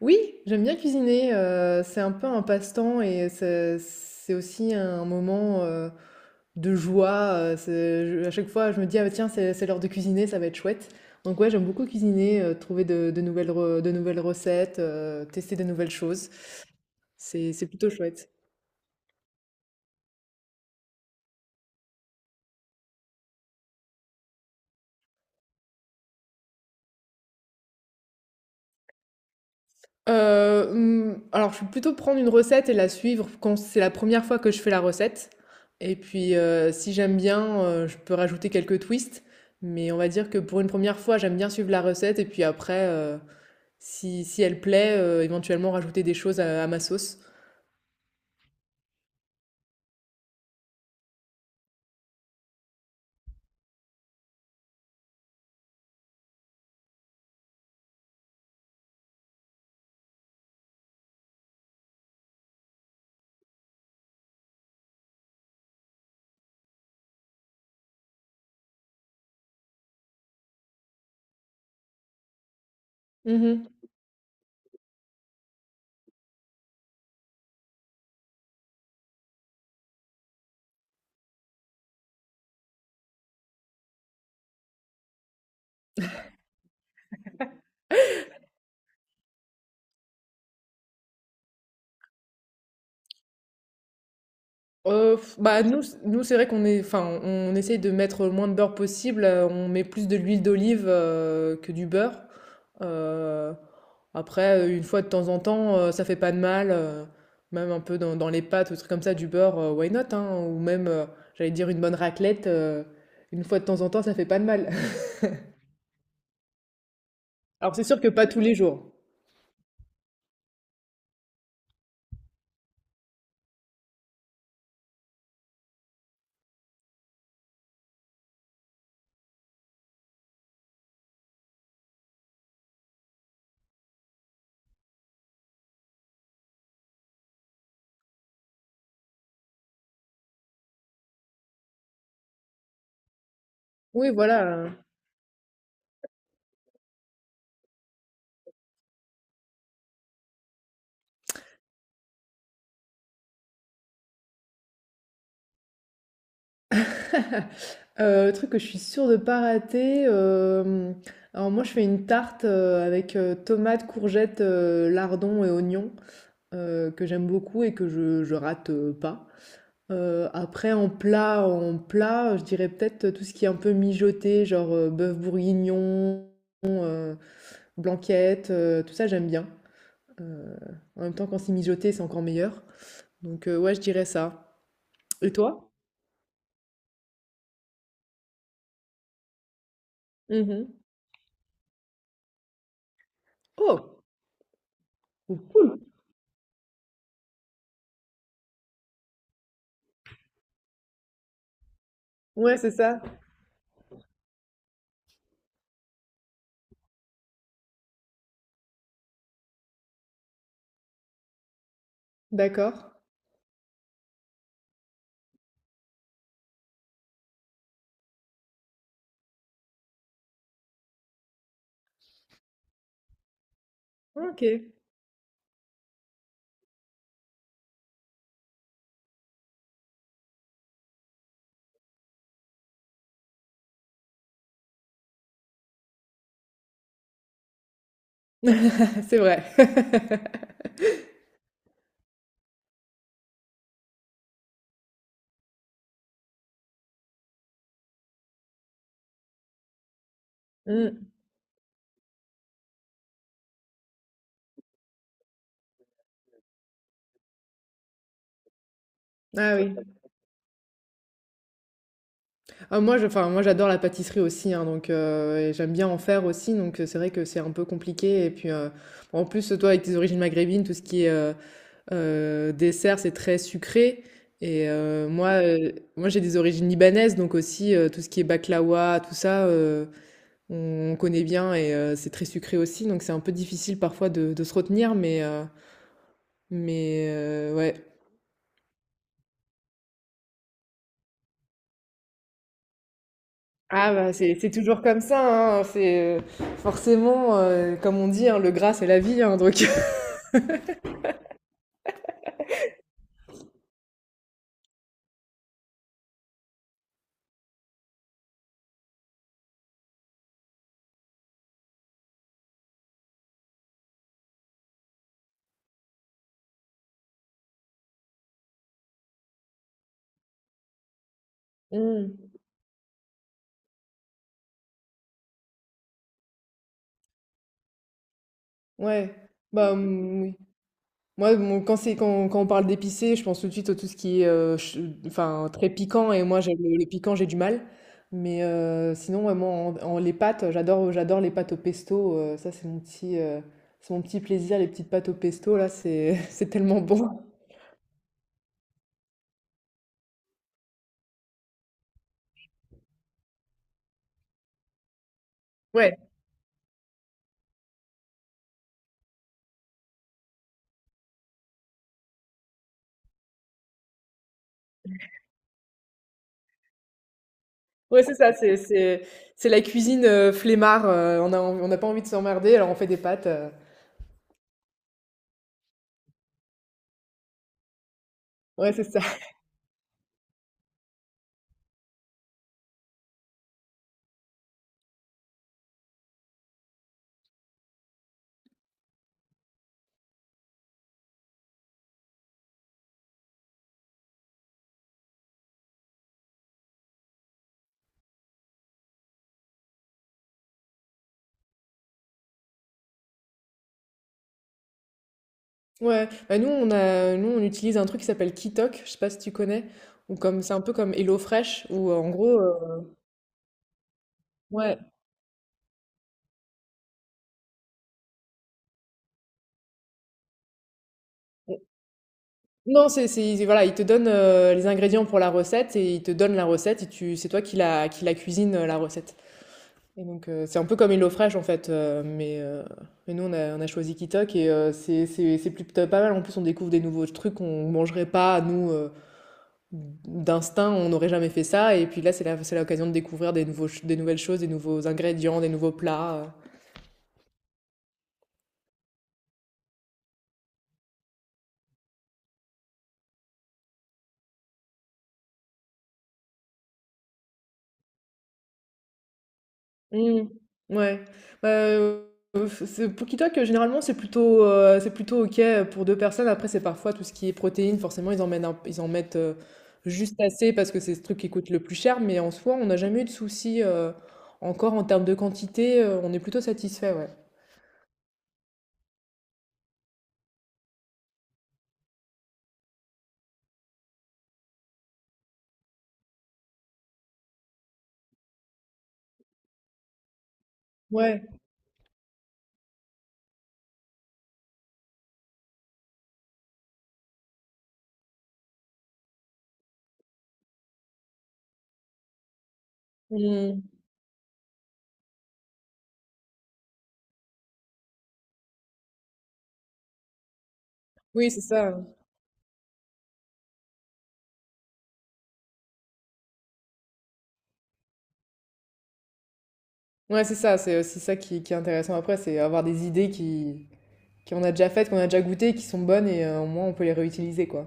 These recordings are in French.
Oui, j'aime bien cuisiner, c'est un peu un passe-temps et c'est aussi un moment, de joie. C'est, je à chaque fois je me dis: «Ah bah, tiens, c'est l'heure de cuisiner, ça va être chouette». Donc ouais, j'aime beaucoup cuisiner, trouver de nouvelles re de nouvelles recettes, tester de nouvelles choses. C'est plutôt chouette. Mmh, alors je vais plutôt prendre une recette et la suivre quand c'est la première fois que je fais la recette, et puis, si j'aime bien, je peux rajouter quelques twists, mais on va dire que pour une première fois, j'aime bien suivre la recette et puis après, si elle plaît, éventuellement rajouter des choses à ma sauce. Mmh. Bah nous, nous c'est vrai qu'on est, enfin, on essaye de mettre le moins de beurre possible. On met plus de l'huile d'olive que du beurre. Euh, Après, une fois de temps en temps, ça fait pas de mal. Même un peu dans, dans les pâtes ou des trucs comme ça, du beurre, why not, hein, ou même, j'allais dire une bonne raclette. Une fois de temps en temps, ça fait pas de mal. Alors c'est sûr que pas tous les jours. Oui, voilà. Le truc que je suis sûre de pas rater, alors moi je fais une tarte, avec, tomates, courgettes, lardons et oignons, que j'aime beaucoup et que je rate, pas. Après en plat, je dirais peut-être tout ce qui est un peu mijoté, genre, bœuf bourguignon, heu, blanquette, tout ça j'aime bien. Heu, En même temps quand c'est mijoté, c'est encore meilleur. Donc, ouais je dirais ça. Et toi? Mmh. Oh! Cool. Ouais c'est ça. D'accord. OK. C'est vrai. Mmh. Ah oui. Ah, moi, je, enfin, moi, j'adore la pâtisserie aussi, hein, donc et j'aime bien en faire aussi, donc c'est vrai que c'est un peu compliqué. Et puis, en plus, toi, avec tes origines maghrébines, tout ce qui est dessert, c'est très sucré. Et moi, j'ai des origines libanaises, donc aussi tout ce qui est baklawa, tout ça, on connaît bien et c'est très sucré aussi, donc c'est un peu difficile parfois de se retenir, mais ouais. Ah bah c'est toujours comme ça, hein, c'est, forcément, comme on dit, hein, le gras c'est la vie, hein, donc Mmh, ouais, bah, mmh, oui. Moi, mon quand c'est quand on parle d'épicé, je pense tout de suite à tout ce qui est, ch enfin, très piquant et moi j'aime le piquant, j'ai du mal. Mais, sinon, ouais, moi en en les pâtes, j'adore les pâtes au pesto, ça c'est mon petit plaisir, les petites pâtes au pesto là, c'est c'est tellement bon. Ouais. Ouais, c'est ça, c'est c'est la cuisine, flemmard, on a env on n'a pas envie de s'emmerder, alors on fait des pâtes, ouais, c'est ça. Ouais, bah, nous on a nous on utilise un truc qui s'appelle Kitok, je sais pas si tu connais? Ou comme c'est un peu comme HelloFresh où en gros, ouais. Non, c'est ils voilà, ils te donnent, les ingrédients pour la recette et ils te donnent la recette et tu c'est toi qui la cuisine, la recette. Et donc, c'est un peu comme HelloFresh, en fait, mais nous, on a choisi Kitok et c'est c'est plutôt pas mal. En plus, on découvre des nouveaux trucs qu'on mangerait pas, nous, d'instinct, on n'aurait jamais fait ça et puis là, c'est l'occasion de découvrir des nouveaux ch des nouvelles choses, des nouveaux ingrédients, des nouveaux plats, Mmh. Ouais, bah, f c'est pookitoc, généralement, c'est plutôt OK, pour 2 personnes. Après, c'est parfois tout ce qui est protéines, forcément, ils en mettent, juste assez parce que c'est ce truc qui coûte le plus cher, mais en soi, on n'a jamais eu de soucis, encore en termes de quantité, on est plutôt satisfait, ouais. Ouais, mmh. Oui, c'est ça. Ouais, c'est ça, c'est aussi ça qui est intéressant après, c'est avoir des idées qui qu'on a déjà faites, qu'on a déjà goûtées, qui sont bonnes et au moins, on peut les réutiliser, quoi.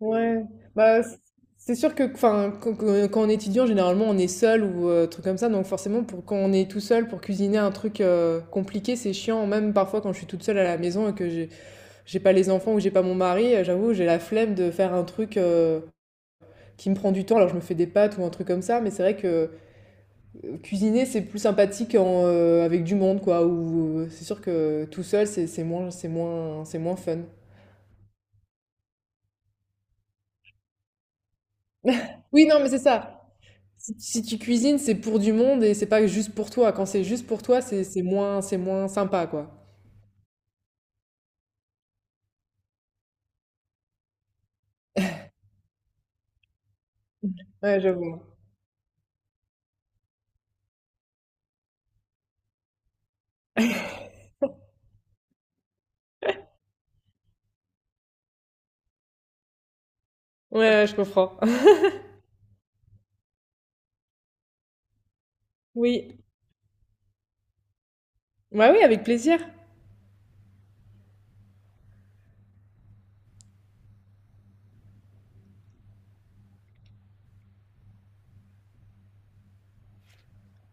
Ouais, bah c'est sûr que enfin quand quand on est étudiant, généralement on est seul ou truc comme ça, donc forcément pour quand on est tout seul pour cuisiner un truc compliqué, c'est chiant. Même parfois quand je suis toute seule à la maison et que j'ai pas les enfants ou que j'ai pas mon mari, j'avoue j'ai la flemme de faire un truc qui me prend du temps. Alors je me fais des pâtes ou un truc comme ça, mais c'est vrai que cuisiner c'est plus sympathique en, avec du monde quoi. Ou c'est sûr que tout seul c'est moins c'est moins fun. Oui non mais c'est ça. Si, si tu cuisines, c'est pour du monde et c'est pas juste pour toi. Quand c'est juste pour toi, c'est moins sympa, quoi. Ouais, je vois. Ouais, ouais, je comprends. Oui. Ouais, oui, avec plaisir.